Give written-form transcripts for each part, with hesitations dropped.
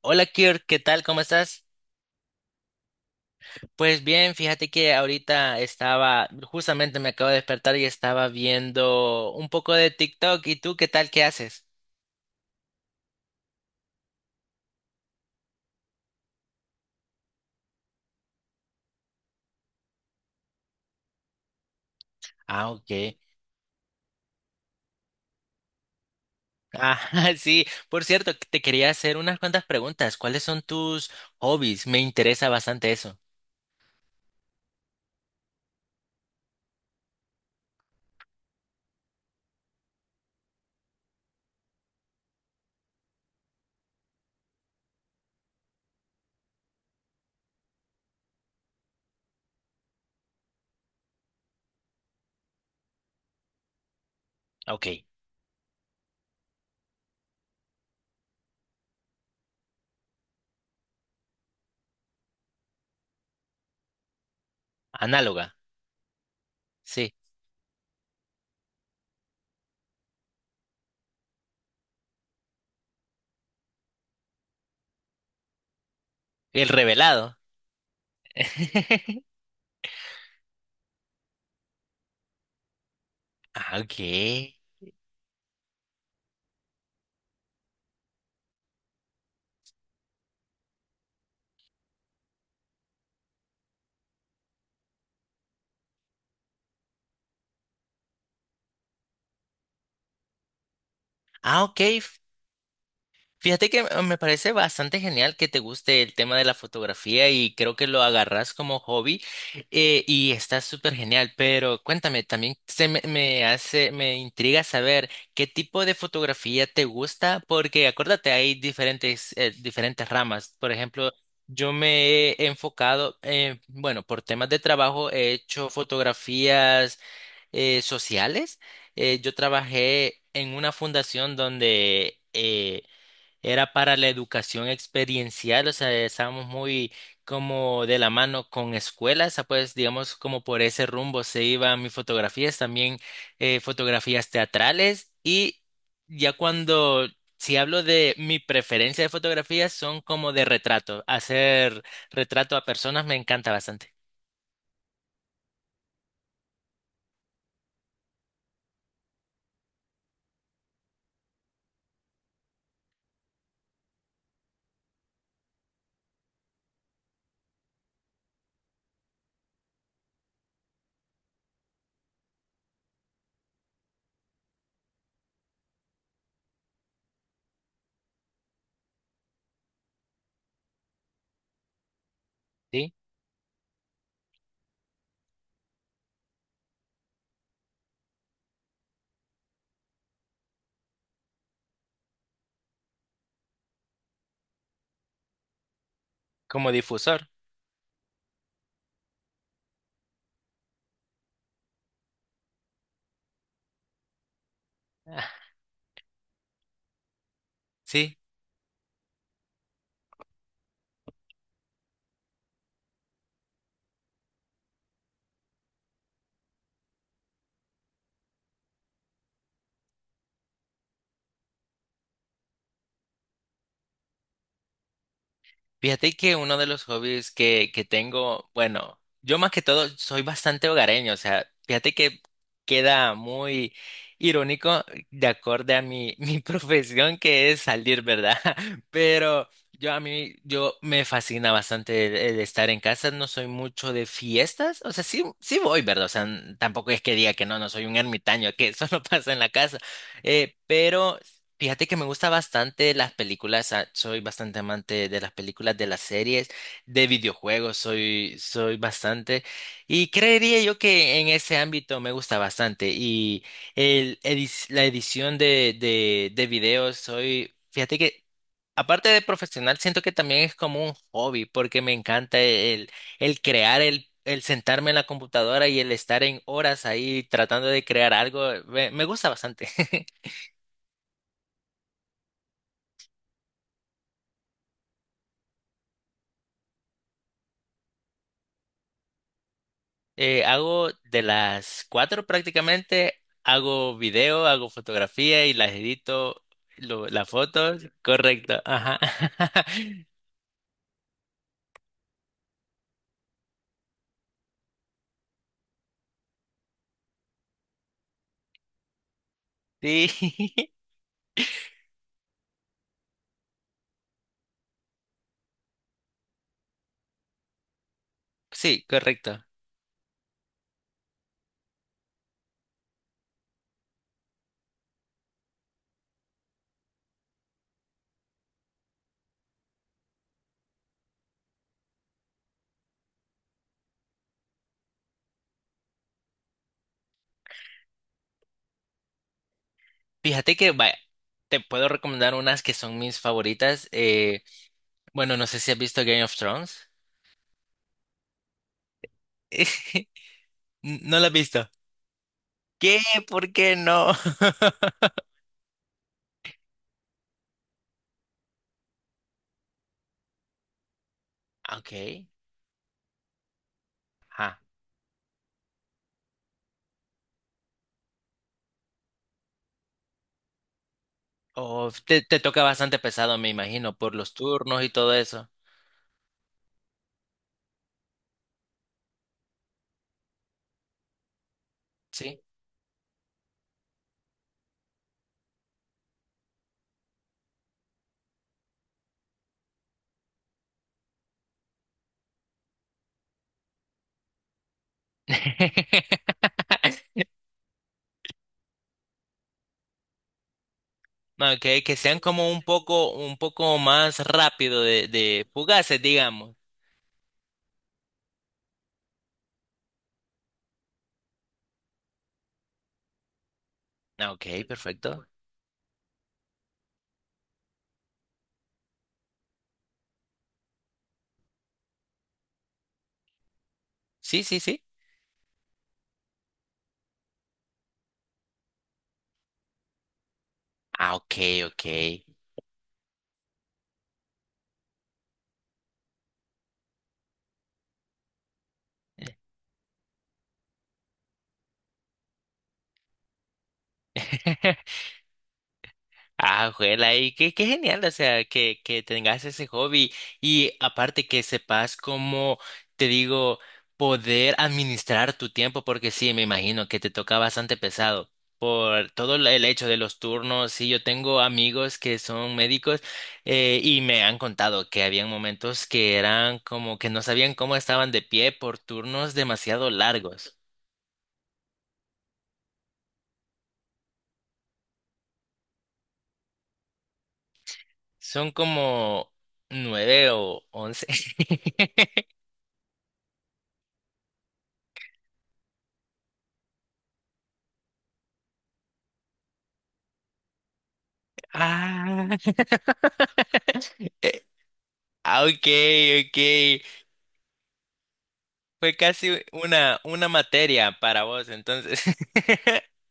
Hola Kirk, ¿qué tal? ¿Cómo estás? Pues bien, fíjate que ahorita estaba, justamente me acabo de despertar y estaba viendo un poco de TikTok. ¿Y tú qué tal? ¿Qué haces? Ah, ok. Ah, sí. Por cierto, te quería hacer unas cuantas preguntas. ¿Cuáles son tus hobbies? Me interesa bastante eso. Ok. Análoga. Sí. El revelado. Ah, ok. Ah, ok. Fíjate que me parece bastante genial que te guste el tema de la fotografía y creo que lo agarras como hobby, y está súper genial, pero cuéntame, también me hace, me intriga saber qué tipo de fotografía te gusta, porque acuérdate, hay diferentes, diferentes ramas. Por ejemplo, yo me he enfocado, bueno, por temas de trabajo he hecho fotografías sociales. Yo trabajé en una fundación donde era para la educación experiencial, o sea, estábamos muy como de la mano con escuelas, ah, pues digamos como por ese rumbo se iban mis fotografías, también fotografías teatrales y ya cuando, si hablo de mi preferencia de fotografías, son como de retrato, hacer retrato a personas me encanta bastante, ¿sí? Como difusor. Ah, sí. Fíjate que uno de los hobbies que tengo, bueno, yo más que todo soy bastante hogareño, o sea, fíjate que queda muy irónico de acorde a mi, mi profesión que es salir, ¿verdad? Pero yo me fascina bastante el estar en casa, no soy mucho de fiestas, o sea, sí, sí voy, ¿verdad? O sea, tampoco es que diga que no, no soy un ermitaño, que eso no pasa en la casa, eh, pero Fíjate que me gusta bastante las películas, ah, soy bastante amante de las películas, de las series, de videojuegos, soy bastante. Y creería yo que en ese ámbito me gusta bastante. Y la edición de videos, soy, fíjate que aparte de profesional, siento que también es como un hobby, porque me encanta el crear, el sentarme en la computadora y el estar en horas ahí tratando de crear algo, me gusta bastante. Hago de las cuatro prácticamente, hago video, hago fotografía y las edito, las fotos, correcto, ajá. Sí, sí, correcto. Fíjate que vaya, te puedo recomendar unas que son mis favoritas. Bueno, no sé si has visto Game of Thrones. No la has visto. ¿Qué? ¿Por qué no? Ok. Ajá. Oh, te toca bastante pesado, me imagino, por los turnos y todo eso. Sí. No, que sean como un poco más rápido de fugaces, digamos. Ah, ok, perfecto. Sí, sí, sí. Ah, ok, ok. Ah, juela, y qué, qué genial, o sea, que tengas ese hobby y aparte que sepas cómo, te digo, poder administrar tu tiempo, porque sí, me imagino que te toca bastante pesado por todo el hecho de los turnos. Sí, yo tengo amigos que son médicos, y me han contado que habían momentos que eran como que no sabían cómo estaban de pie por turnos demasiado largos. Son como nueve o once. Ah. Ah, ok, ok. Fue casi una materia para vos, entonces.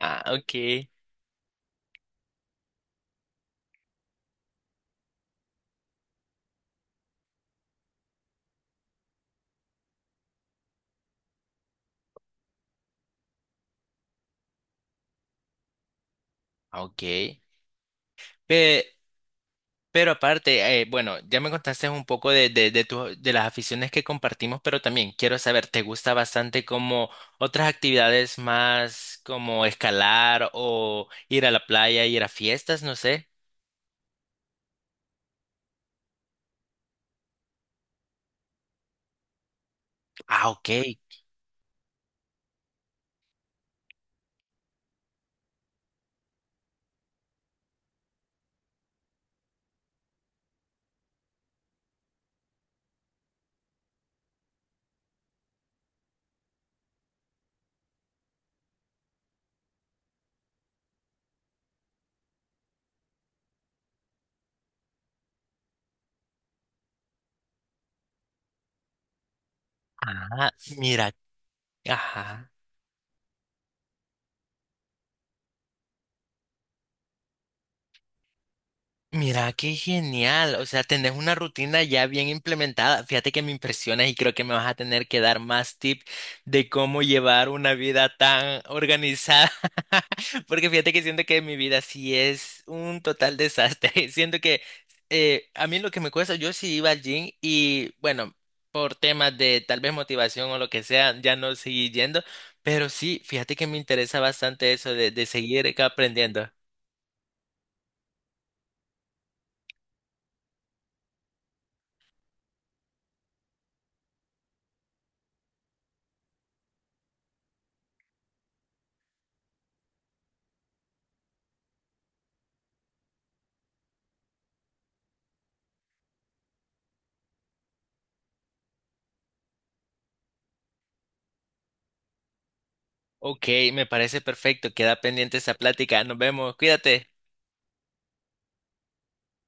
Ah, ok, ok. Pe- pero aparte, bueno, ya me contaste un poco de las aficiones que compartimos, pero también quiero saber, ¿te gusta bastante como otras actividades más como escalar o ir a la playa, ir a fiestas? No sé. Ah, ok. Ah, mira. Ajá. Mira, qué genial. O sea, tenés una rutina ya bien implementada. Fíjate que me impresionas y creo que me vas a tener que dar más tips de cómo llevar una vida tan organizada. Porque fíjate que siento que mi vida sí es un total desastre. Siento que a mí lo que me cuesta, yo sí iba al gym y bueno, por temas de tal vez motivación o lo que sea, ya no seguí yendo. Pero sí, fíjate que me interesa bastante eso de seguir aprendiendo. Ok, me parece perfecto. Queda pendiente esa plática. Nos vemos. Cuídate.